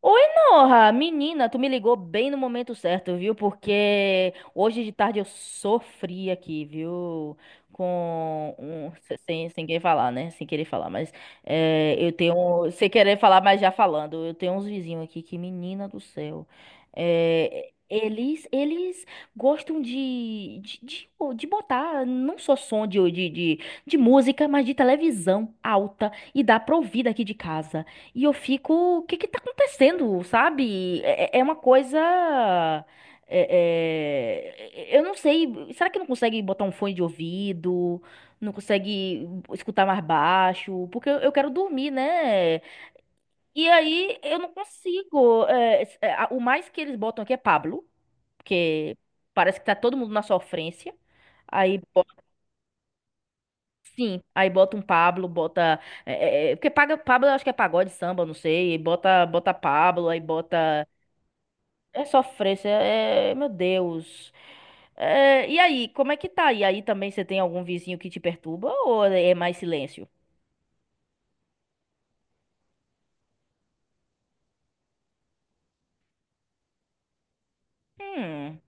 Oi, Norra! Menina, tu me ligou bem no momento certo, viu? Porque hoje de tarde eu sofri aqui, viu? Com um, sem querer falar, né? Sem querer falar, mas eu tenho. Sem querer falar, mas já falando. Eu tenho uns vizinhos aqui que, menina do céu. Eles gostam de botar não só som de música, mas de televisão alta e dá pra ouvir daqui de casa. E eu fico, o que que tá acontecendo, sabe? É uma coisa. Eu não sei. Será que não consegue botar um fone de ouvido? Não consegue escutar mais baixo? Porque eu quero dormir, né? E aí eu não consigo. O mais que eles botam aqui é Pablo, porque parece que tá todo mundo na sofrência. Aí sim, aí bota um Pablo, bota. Porque paga, Pablo eu acho que é pagode, samba, não sei. Bota, bota Pablo, aí bota. É sofrência, é. Meu Deus. É, e aí, como é que tá? E aí também você tem algum vizinho que te perturba ou é mais silêncio? Hum,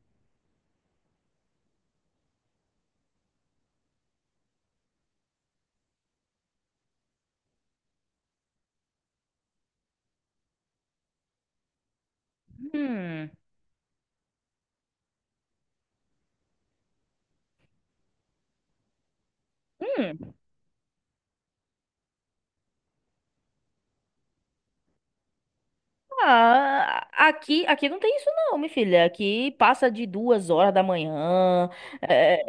hum, hum. Ah, aqui não tem isso não, minha filha. Aqui passa de 2 horas da manhã. é,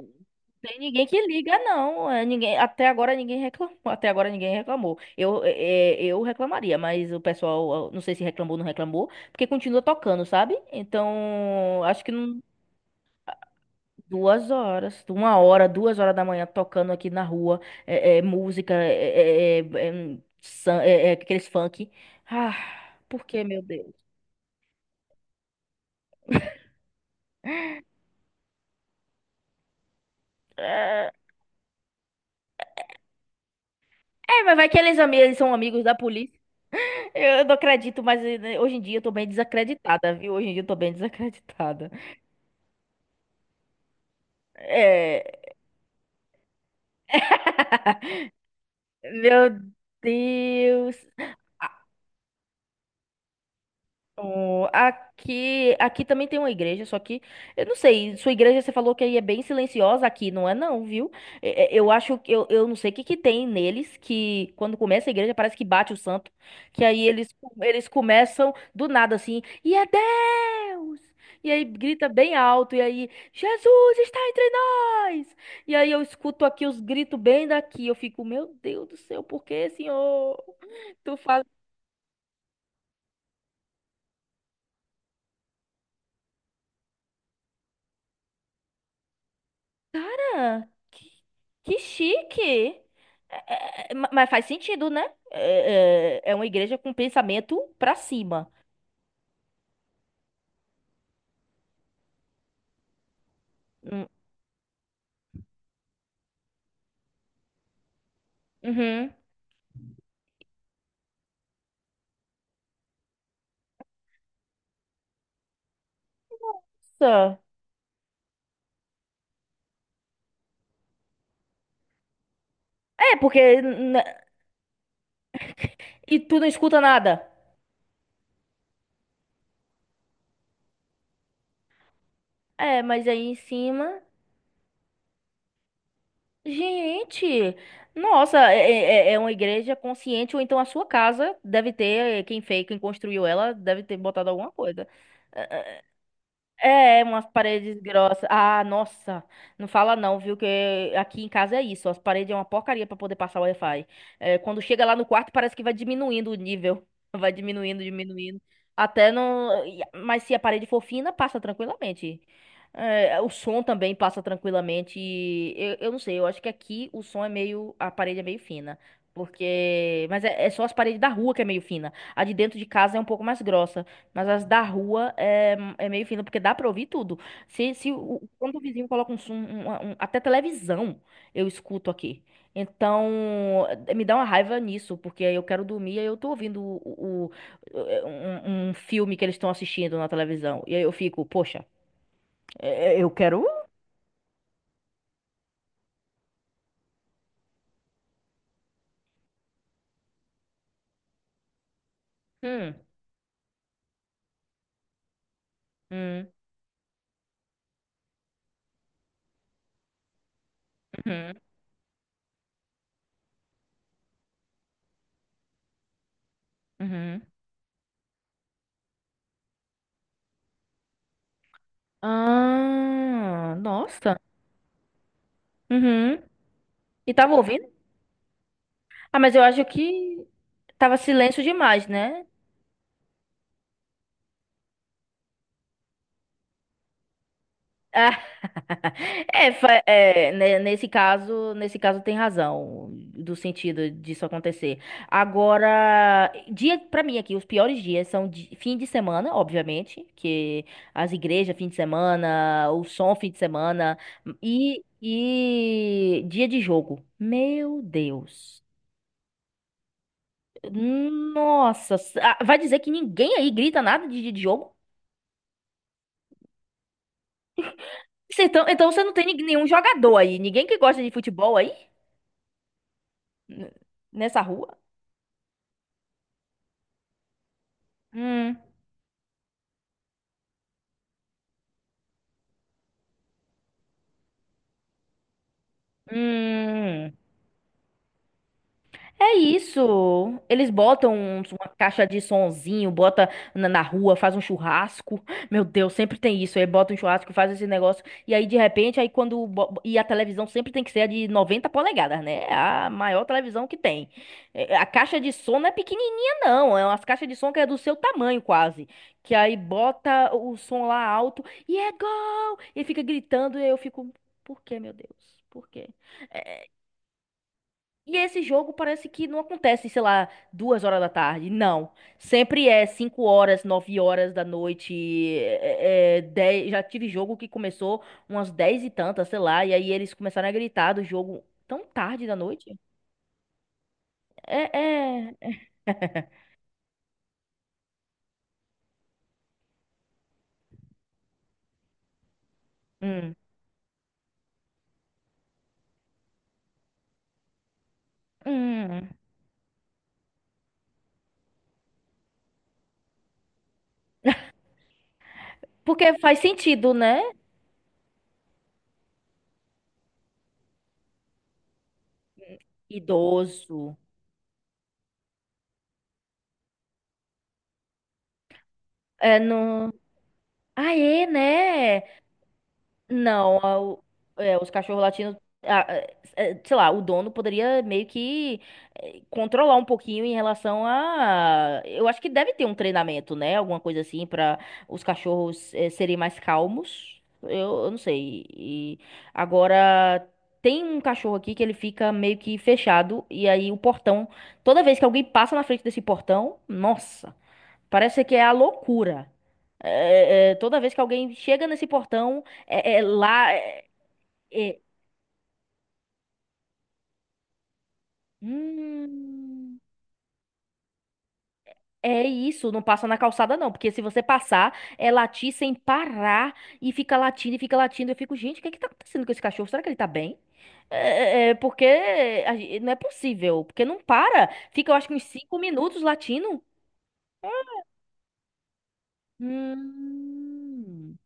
Tem ninguém que liga, não. É, ninguém, até agora ninguém reclamou. Até agora ninguém reclamou. Eu reclamaria, mas o pessoal, eu não sei se reclamou ou não reclamou, porque continua tocando, sabe? Então, acho que não- 2 horas, 1 hora, 2 horas da manhã tocando aqui na rua, música, aqueles funk. Ah, por que, meu Deus? É, é, mas vai que eles são amigos da polícia. Eu não acredito, mas hoje em dia eu tô bem desacreditada, viu? Hoje em dia eu tô bem desacreditada. É. Meu Deus. Oh, aqui também tem uma igreja, só que eu não sei, sua igreja você falou que aí é bem silenciosa aqui, não é não, viu? Eu acho que eu não sei o que que tem neles que quando começa a igreja parece que bate o santo, que aí eles começam do nada assim, e é Deus! E aí grita bem alto e aí Jesus está entre nós! E aí eu escuto aqui os gritos bem daqui, eu fico, meu Deus do céu, por que, Senhor? Tu Ah, que, que chique! É, mas faz sentido, né? É uma igreja com pensamento pra cima. Hum, Uhum. Só. É, porque. E tu não escuta nada. É, mas aí em cima. Gente! Nossa, é uma igreja consciente, ou então a sua casa deve ter. Quem fez, quem construiu ela, deve ter botado alguma coisa. É, é, É, umas paredes grossas. Ah, nossa, não fala não, viu? Que aqui em casa é isso. As paredes é uma porcaria pra poder passar o Wi-Fi. É, quando chega lá no quarto, parece que vai diminuindo o nível. Vai diminuindo, diminuindo. Até não. Mas se a parede for fina, passa tranquilamente. É, o som também passa tranquilamente. E eu não sei, eu acho que aqui o som é meio. A parede é meio fina. Porque. Mas é só as paredes da rua que é meio fina. A de dentro de casa é um pouco mais grossa. Mas as da rua é meio fina, porque dá pra ouvir tudo. Se o, quando o vizinho coloca um som, até televisão, eu escuto aqui. Então, me dá uma raiva nisso, porque aí eu quero dormir e aí eu tô ouvindo um filme que eles estão assistindo na televisão. E aí eu fico, poxa, eu quero. Hum, hum, uhum, uhum. Ah, nossa. Uhum. E tava ouvindo? Ah, mas eu acho que tava silêncio demais, né? É, né, nesse caso, tem razão do sentido disso acontecer. Agora, dia para mim aqui, os piores dias são fim de semana, obviamente, que as igrejas fim de semana, o som fim de semana e dia de jogo. Meu Deus. Nossa, ah, vai dizer que ninguém aí grita nada de dia de jogo? Então, você não tem nenhum jogador aí, ninguém que gosta de futebol aí N- nessa rua? Hum, hum. É isso. Eles botam uma caixa de sonzinho, bota na rua, faz um churrasco. Meu Deus, sempre tem isso. Aí bota um churrasco, faz esse negócio. E aí, de repente, aí quando. E a televisão sempre tem que ser a de 90 polegadas, né? É a maior televisão que tem. É, a caixa de som não é pequenininha, não. É umas caixas de som que é do seu tamanho, quase. Que aí bota o som lá alto e é gol! E fica gritando. E eu fico, por quê, meu Deus? Por quê? E esse jogo parece que não acontece, sei lá, 2 horas da tarde. Não. Sempre é 5 horas, 9 horas da noite. Já tive jogo que começou umas 10 e tantas, sei lá. E aí eles começaram a gritar do jogo tão tarde da noite. É, é. Hum, hum. Porque faz sentido, né? Idoso. É no. Aê, né? Não, os cachorros latinos, a- sei lá, o dono poderia meio que controlar um pouquinho em relação a. Eu acho que deve ter um treinamento, né? Alguma coisa assim para os cachorros serem mais calmos. Eu não sei. E agora tem um cachorro aqui que ele fica meio que fechado e aí o portão, toda vez que alguém passa na frente desse portão, nossa. Parece que é a loucura. Toda vez que alguém chega nesse portão, é lá. É, hum, é isso, não passa na calçada, não. Porque se você passar, é latir sem parar e fica latindo e fica latindo. Eu fico, gente, o que é que tá acontecendo com esse cachorro? Será que ele tá bem? É, porque a não é possível. Porque não para. Fica, eu acho que uns 5 minutos latindo. Hum,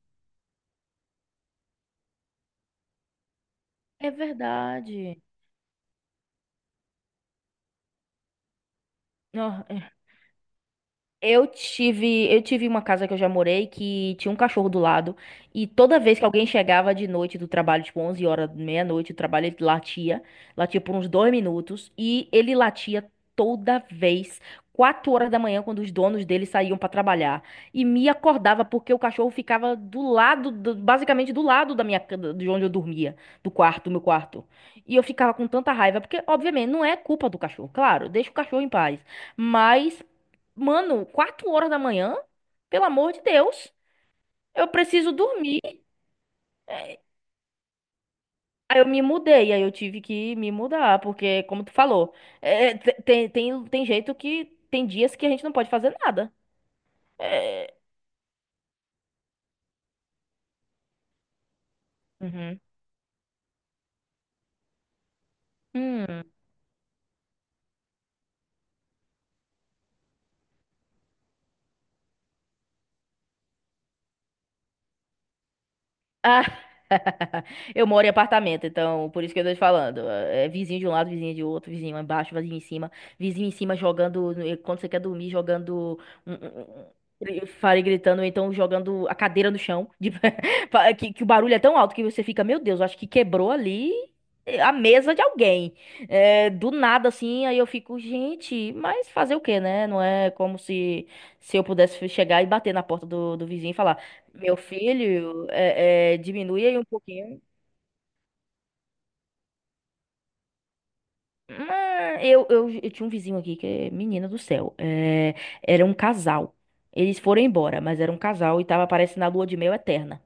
é verdade. Não, eu tive uma casa que eu já morei que tinha um cachorro do lado e toda vez que alguém chegava de noite do trabalho, tipo 11 horas, meia-noite do trabalho, ele latia, latia por uns 2 minutos e ele latia toda vez, 4 horas da manhã, quando os donos dele saíam para trabalhar e me acordava porque o cachorro ficava do lado, basicamente do lado da minha, de onde eu dormia, do quarto, do meu quarto. E eu ficava com tanta raiva porque, obviamente, não é culpa do cachorro, claro, deixa o cachorro em paz. Mas mano, 4 horas da manhã? Pelo amor de Deus, eu preciso dormir. Aí eu me mudei, aí eu tive que me mudar, porque, como tu falou, tem jeito que tem dias que a gente não pode fazer nada. É, uhum. Hum. Ah, eu moro em apartamento, então por isso que eu tô te falando. É vizinho de um lado, vizinho de outro, vizinho embaixo, vizinho em cima jogando, quando você quer dormir, jogando um, um, fale gritando, ou então jogando a cadeira no chão, que, o barulho é tão alto que você fica, meu Deus, acho que quebrou ali a mesa de alguém. É, do nada assim, aí eu fico, gente, mas fazer o quê, né? Não é como se eu pudesse chegar e bater na porta do vizinho e falar meu filho, diminui aí um pouquinho. Mas eu tinha um vizinho aqui que é menina do céu. É, era um casal. Eles foram embora, mas era um casal e tava parecendo a lua de mel eterna.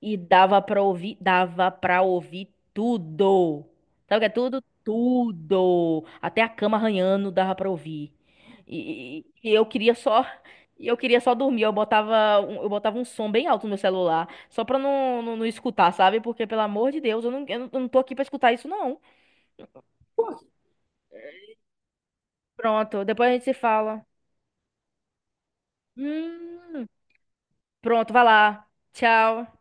E dava pra ouvir tudo. Sabe o que é tudo? Tudo. Até a cama arranhando dava pra ouvir. E, e- e eu queria só, e eu queria só dormir. Eu botava um som bem alto no meu celular, só pra não escutar, sabe? Porque, pelo amor de Deus, eu não tô aqui pra escutar isso, não. Pronto, depois a gente se fala. Hum, pronto, vai lá. Tchau.